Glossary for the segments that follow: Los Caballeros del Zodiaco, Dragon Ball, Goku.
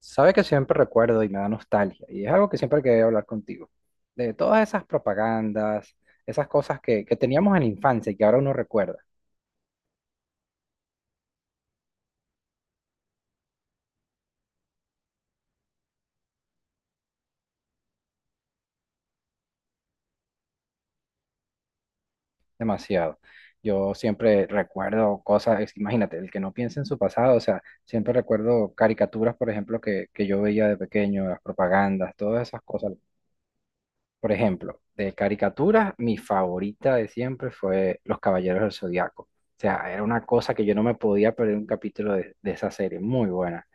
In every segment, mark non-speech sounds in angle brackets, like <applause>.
Sabe que siempre recuerdo y me da nostalgia, y es algo que siempre quería hablar contigo, de todas esas propagandas, esas cosas que teníamos en la infancia y que ahora uno recuerda demasiado. Yo siempre recuerdo cosas, imagínate, el que no piensa en su pasado, o sea, siempre recuerdo caricaturas, por ejemplo, que yo veía de pequeño, las propagandas, todas esas cosas. Por ejemplo, de caricaturas, mi favorita de siempre fue Los Caballeros del Zodiaco. O sea, era una cosa que yo no me podía perder un capítulo de esa serie, muy buena.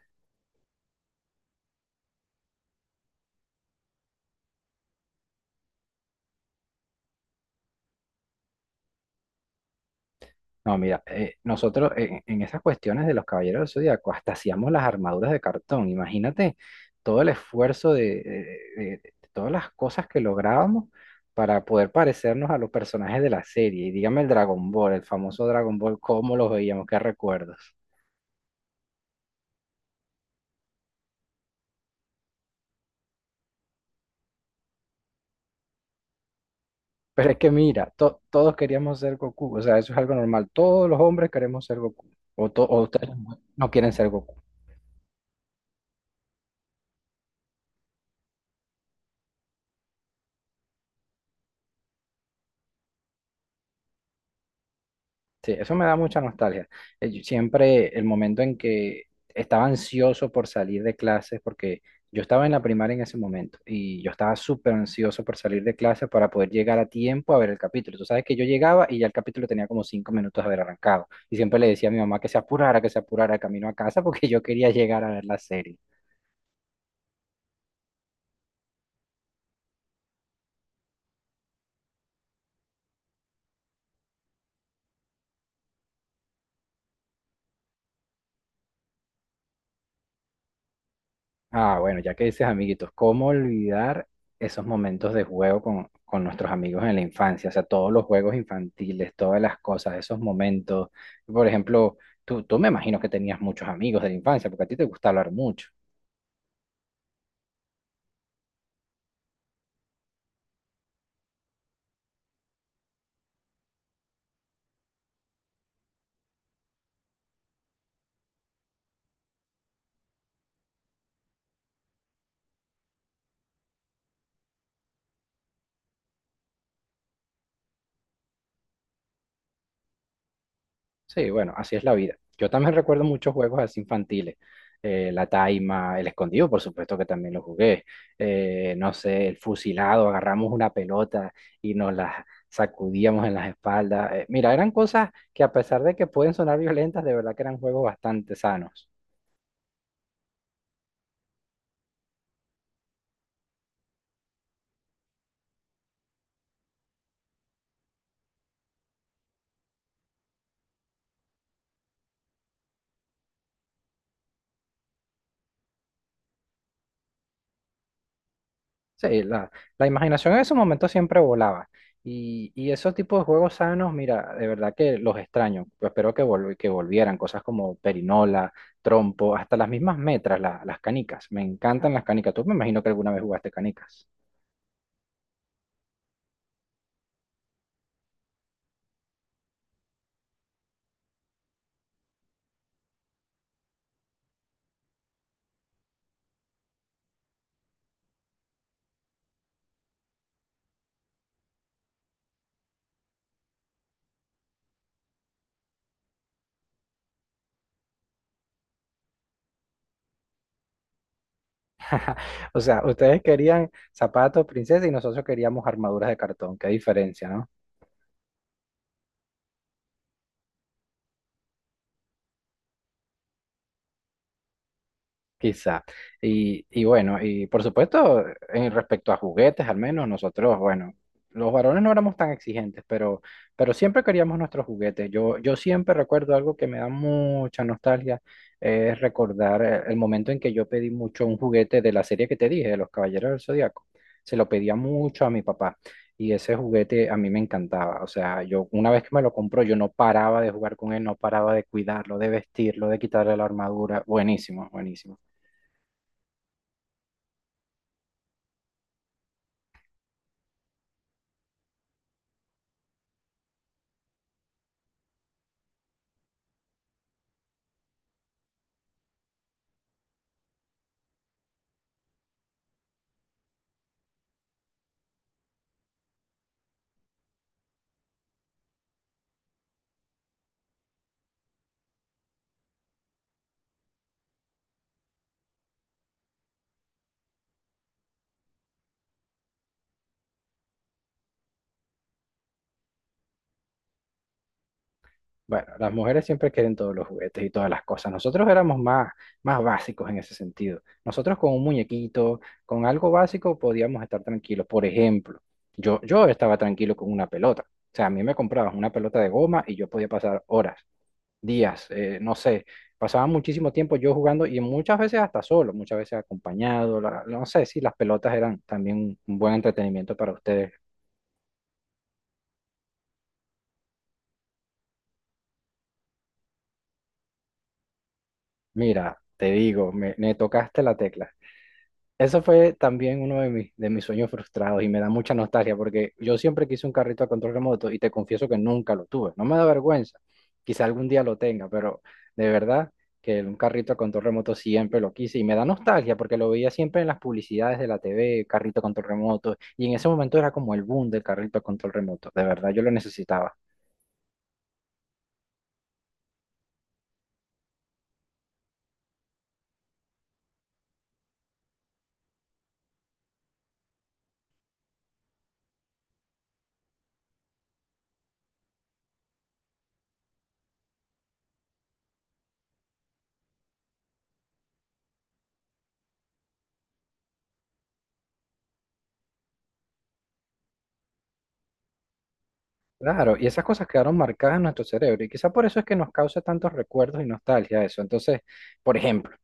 No, mira, nosotros en esas cuestiones de los Caballeros del Zodíaco hasta hacíamos las armaduras de cartón. Imagínate todo el esfuerzo de, de todas las cosas que lográbamos para poder parecernos a los personajes de la serie. Y dígame el Dragon Ball, el famoso Dragon Ball, cómo los veíamos, qué recuerdos. Pero es que mira, todos queríamos ser Goku, o sea, eso es algo normal. Todos los hombres queremos ser Goku. O, o ustedes no quieren ser Goku. Sí, eso me da mucha nostalgia. Yo siempre el momento en que estaba ansioso por salir de clases, porque yo estaba en la primaria en ese momento y yo estaba súper ansioso por salir de clases para poder llegar a tiempo a ver el capítulo. Tú sabes que yo llegaba y ya el capítulo tenía como 5 minutos de haber arrancado. Y siempre le decía a mi mamá que se apurara camino a casa <laughs> porque yo quería llegar a ver la serie. Ah, bueno, ya que dices amiguitos, ¿cómo olvidar esos momentos de juego con nuestros amigos en la infancia? O sea, todos los juegos infantiles, todas las cosas, esos momentos. Por ejemplo, tú me imagino que tenías muchos amigos de la infancia, porque a ti te gusta hablar mucho. Sí, bueno, así es la vida. Yo también recuerdo muchos juegos así infantiles. La taima, el escondido, por supuesto que también lo jugué. No sé, el fusilado, agarramos una pelota y nos la sacudíamos en las espaldas. Mira, eran cosas que a pesar de que pueden sonar violentas, de verdad que eran juegos bastante sanos. Sí, la imaginación en esos momentos siempre volaba. Y esos tipos de juegos sanos, mira, de verdad que los extraño. Yo espero que volvieran cosas como perinola, trompo, hasta las mismas metras, las canicas. Me encantan las canicas. Tú me imagino que alguna vez jugaste canicas. <laughs> O sea, ustedes querían zapatos, princesa, y nosotros queríamos armaduras de cartón. Qué diferencia, ¿no? Quizá. Y bueno, y por supuesto, en respecto a juguetes, al menos nosotros, bueno, los varones no éramos tan exigentes, pero siempre queríamos nuestros juguetes. Yo siempre recuerdo algo que me da mucha nostalgia, es recordar el momento en que yo pedí mucho un juguete de la serie que te dije, de los Caballeros del Zodiaco. Se lo pedía mucho a mi papá y ese juguete a mí me encantaba. O sea, yo una vez que me lo compró, yo no paraba de jugar con él, no paraba de cuidarlo, de vestirlo, de quitarle la armadura. Buenísimo, buenísimo. Bueno, las mujeres siempre quieren todos los juguetes y todas las cosas. Nosotros éramos más básicos en ese sentido. Nosotros con un muñequito, con algo básico, podíamos estar tranquilos. Por ejemplo, yo estaba tranquilo con una pelota. O sea, a mí me comprabas una pelota de goma y yo podía pasar horas, días, no sé. Pasaba muchísimo tiempo yo jugando y muchas veces hasta solo, muchas veces acompañado. No sé si las pelotas eran también un buen entretenimiento para ustedes. Mira, te digo, me tocaste la tecla. Eso fue también uno de de mis sueños frustrados y me da mucha nostalgia porque yo siempre quise un carrito a control remoto y te confieso que nunca lo tuve. No me da vergüenza, quizá algún día lo tenga, pero de verdad que un carrito a control remoto siempre lo quise y me da nostalgia porque lo veía siempre en las publicidades de la TV, carrito a control remoto, y en ese momento era como el boom del carrito a control remoto. De verdad, yo lo necesitaba. Claro, y esas cosas quedaron marcadas en nuestro cerebro y quizá por eso es que nos causa tantos recuerdos y nostalgia eso. Entonces, por ejemplo.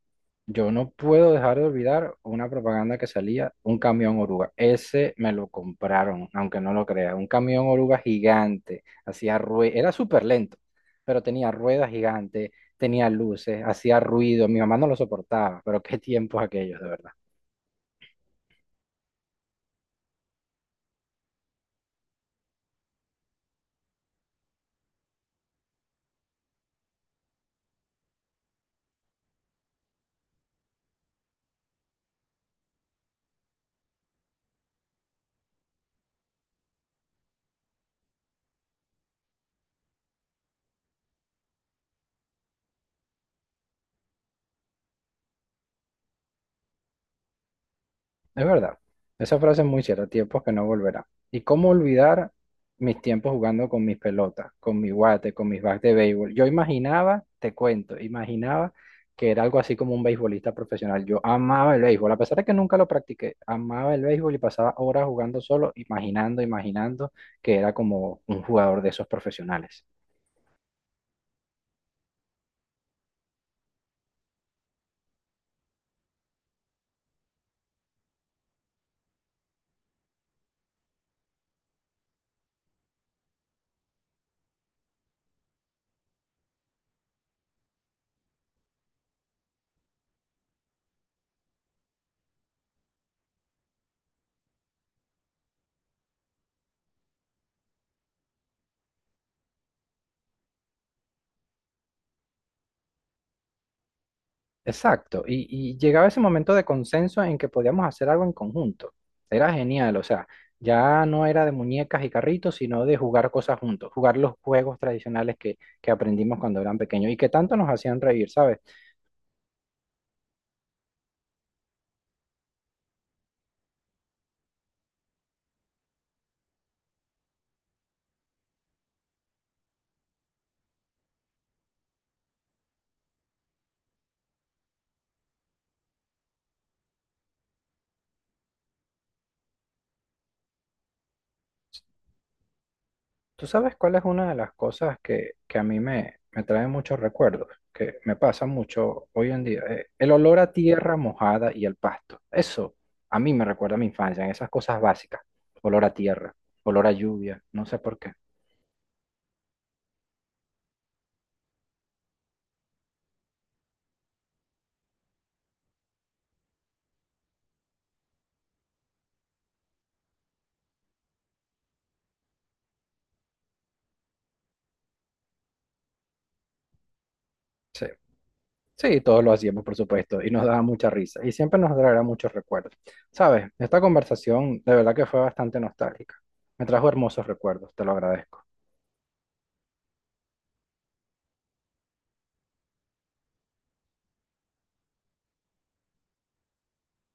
Yo no puedo dejar de olvidar una propaganda que salía, un camión oruga. Ese me lo compraron, aunque no lo creas. Un camión oruga gigante, hacía ruido, era súper lento, pero tenía ruedas gigantes, tenía luces, hacía ruido. Mi mamá no lo soportaba, pero qué tiempos aquellos, de verdad. Es verdad, esa frase es muy cierta, tiempos que no volverán. ¿Y cómo olvidar mis tiempos jugando con mis pelotas, con mi guate, con mis bats de béisbol? Yo imaginaba, te cuento, imaginaba que era algo así como un beisbolista profesional. Yo amaba el béisbol, a pesar de que nunca lo practiqué, amaba el béisbol y pasaba horas jugando solo, imaginando, imaginando que era como un jugador de esos profesionales. Exacto, y llegaba ese momento de consenso en que podíamos hacer algo en conjunto. Era genial, o sea, ya no era de muñecas y carritos, sino de jugar cosas juntos, jugar los juegos tradicionales que aprendimos cuando eran pequeños y que tanto nos hacían reír, ¿sabes? ¿Tú sabes cuál es una de las cosas que a mí me trae muchos recuerdos, que me pasa mucho hoy en día? El olor a tierra mojada y el pasto. Eso a mí me recuerda a mi infancia, en esas cosas básicas. Olor a tierra, olor a lluvia, no sé por qué. Sí. Sí, todos lo hacíamos, por supuesto, y nos daba mucha risa, y siempre nos traerá muchos recuerdos. Sabes, esta conversación de verdad que fue bastante nostálgica. Me trajo hermosos recuerdos, te lo agradezco.